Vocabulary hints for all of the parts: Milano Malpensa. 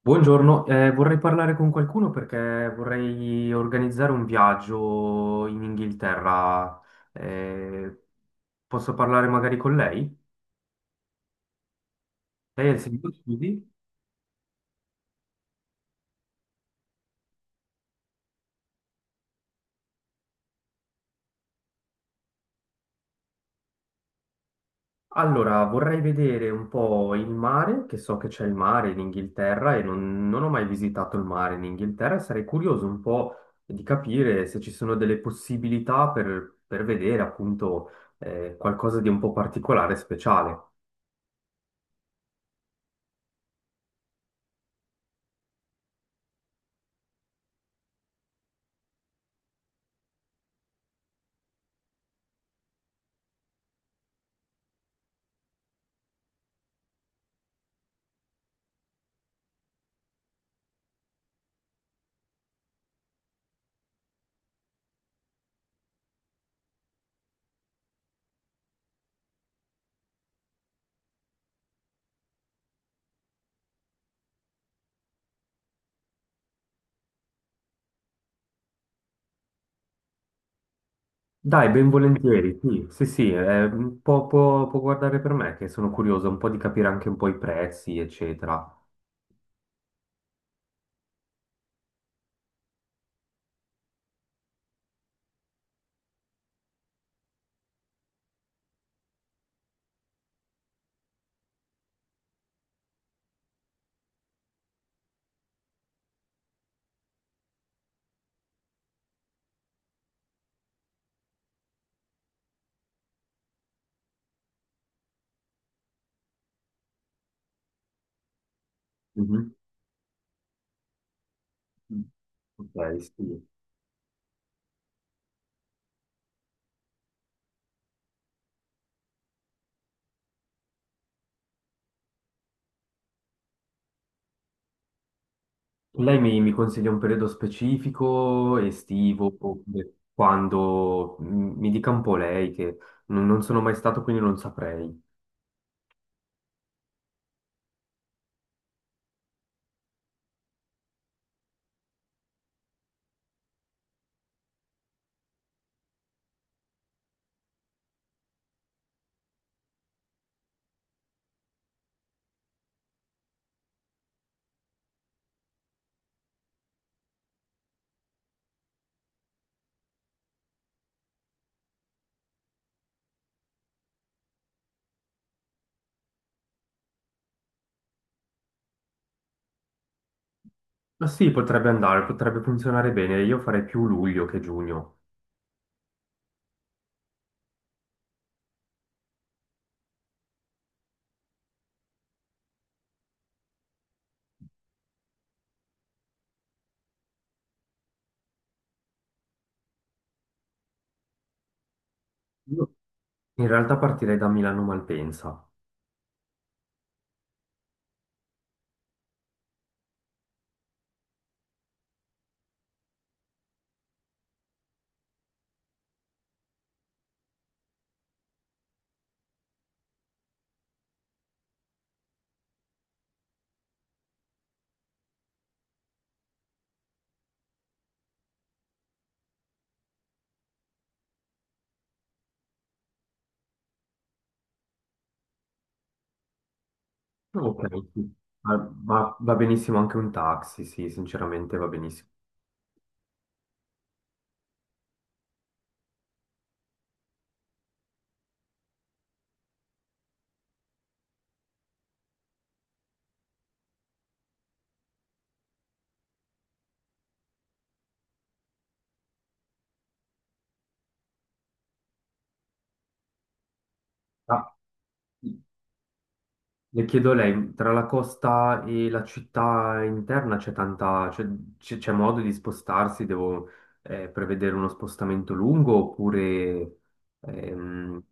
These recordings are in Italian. Buongiorno, vorrei parlare con qualcuno perché vorrei organizzare un viaggio in Inghilterra. Eh, Posso parlare magari con lei? Lei è il signor Studi? Allora, vorrei vedere un po' il mare, che so che c'è il mare in Inghilterra e non ho mai visitato il mare in Inghilterra e sarei curioso un po' di capire se ci sono delle possibilità per vedere appunto qualcosa di un po' particolare e speciale. Dai, ben volentieri, sì, sì, sì, può guardare per me che sono curioso un po' di capire anche un po' i prezzi, eccetera. Mhm. Ok, sì. Lei mi consiglia un periodo specifico, estivo, oppure quando mi dica un po' lei che non sono mai stato, quindi non saprei. Ma sì, potrebbe andare, potrebbe funzionare bene, io farei più luglio che giugno. Io In realtà partirei da Milano Malpensa. Ok, sì. Ah, va, va benissimo anche un taxi, sì, sinceramente va benissimo. Ah, le chiedo a lei, tra la costa e la città interna c'è tanta, c'è modo di spostarsi? Devo prevedere uno spostamento lungo oppure... ehm,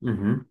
mhm.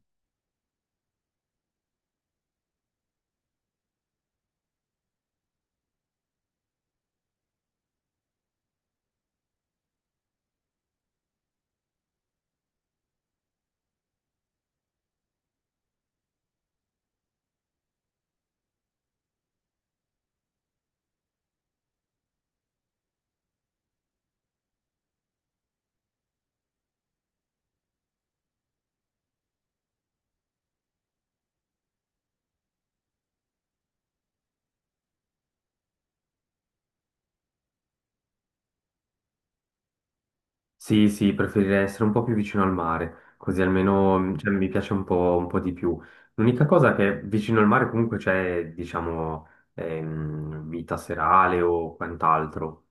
Sì, sì, preferirei essere un po' più vicino al mare, così almeno cioè, mi piace un po' di più. L'unica cosa è che vicino al mare comunque c'è, diciamo, vita serale o quant'altro.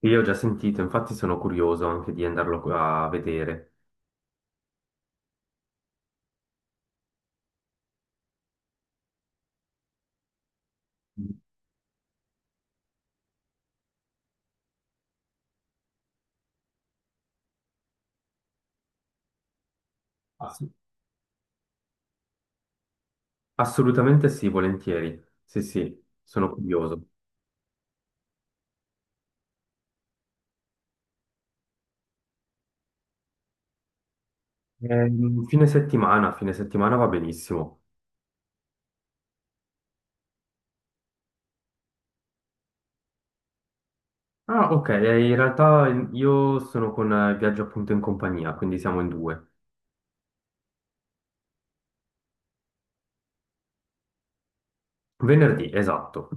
Io ho già sentito, infatti sono curioso anche di andarlo a vedere. Ass- assolutamente sì, volentieri. Sì, sì, sono curioso. Fine settimana va benissimo. Ah, ok, in realtà io sono con viaggio appunto in compagnia, quindi siamo in due. Venerdì, esatto.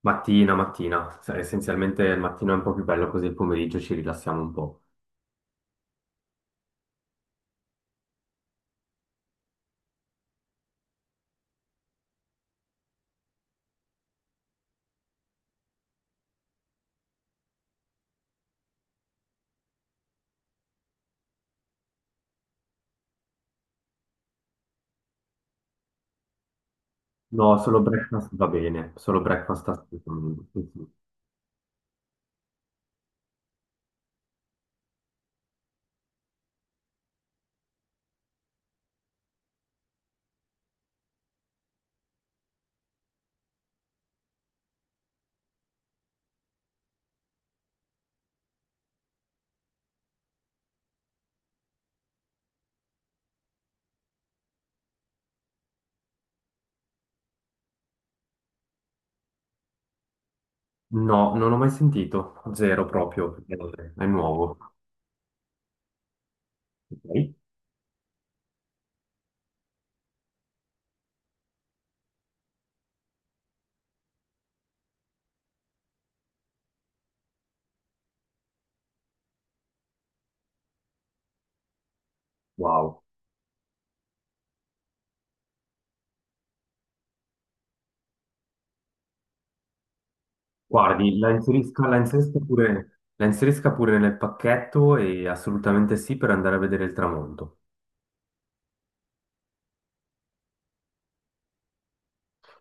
Mattina, mattina. Cioè, essenzialmente il mattino è un po' più bello, così il pomeriggio ci rilassiamo un po'. No, solo breakfast va bene, solo breakfast assolutamente. Sì, sì. No, non ho mai sentito, zero proprio. È nuovo. Ok. Wow. Guardi, la inserisca pure nel pacchetto e assolutamente sì per andare a vedere il tramonto.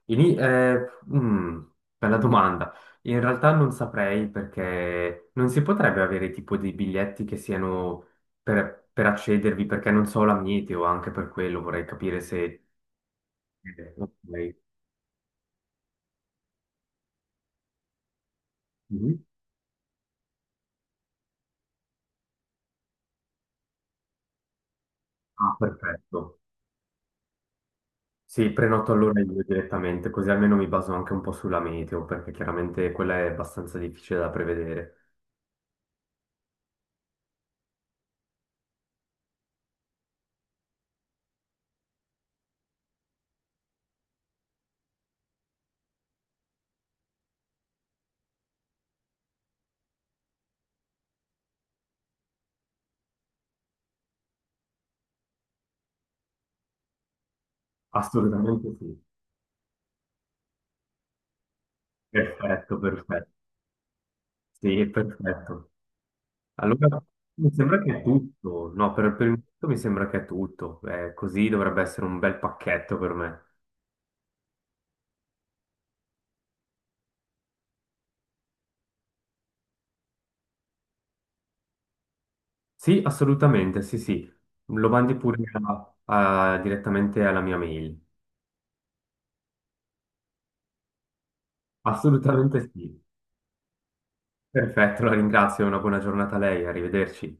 Ini- eh, mm, bella domanda. In realtà non saprei perché non si potrebbe avere tipo dei biglietti che siano per accedervi perché non so la mete o anche per quello vorrei capire se... ok. Mhm. Ah, perfetto. Sì, prenoto allora io direttamente così almeno mi baso anche un po' sulla meteo perché chiaramente quella è abbastanza difficile da prevedere. Assolutamente sì. Perfetto, perfetto. Sì, perfetto. Allora, mi sembra che è tutto. No, per il momento mi sembra che è tutto. Così dovrebbe essere un bel pacchetto per me. Sì, assolutamente, sì, sì. Lo mandi pure direttamente alla mia mail. Assolutamente sì. Perfetto, la ringrazio. Una buona giornata a lei. Arrivederci.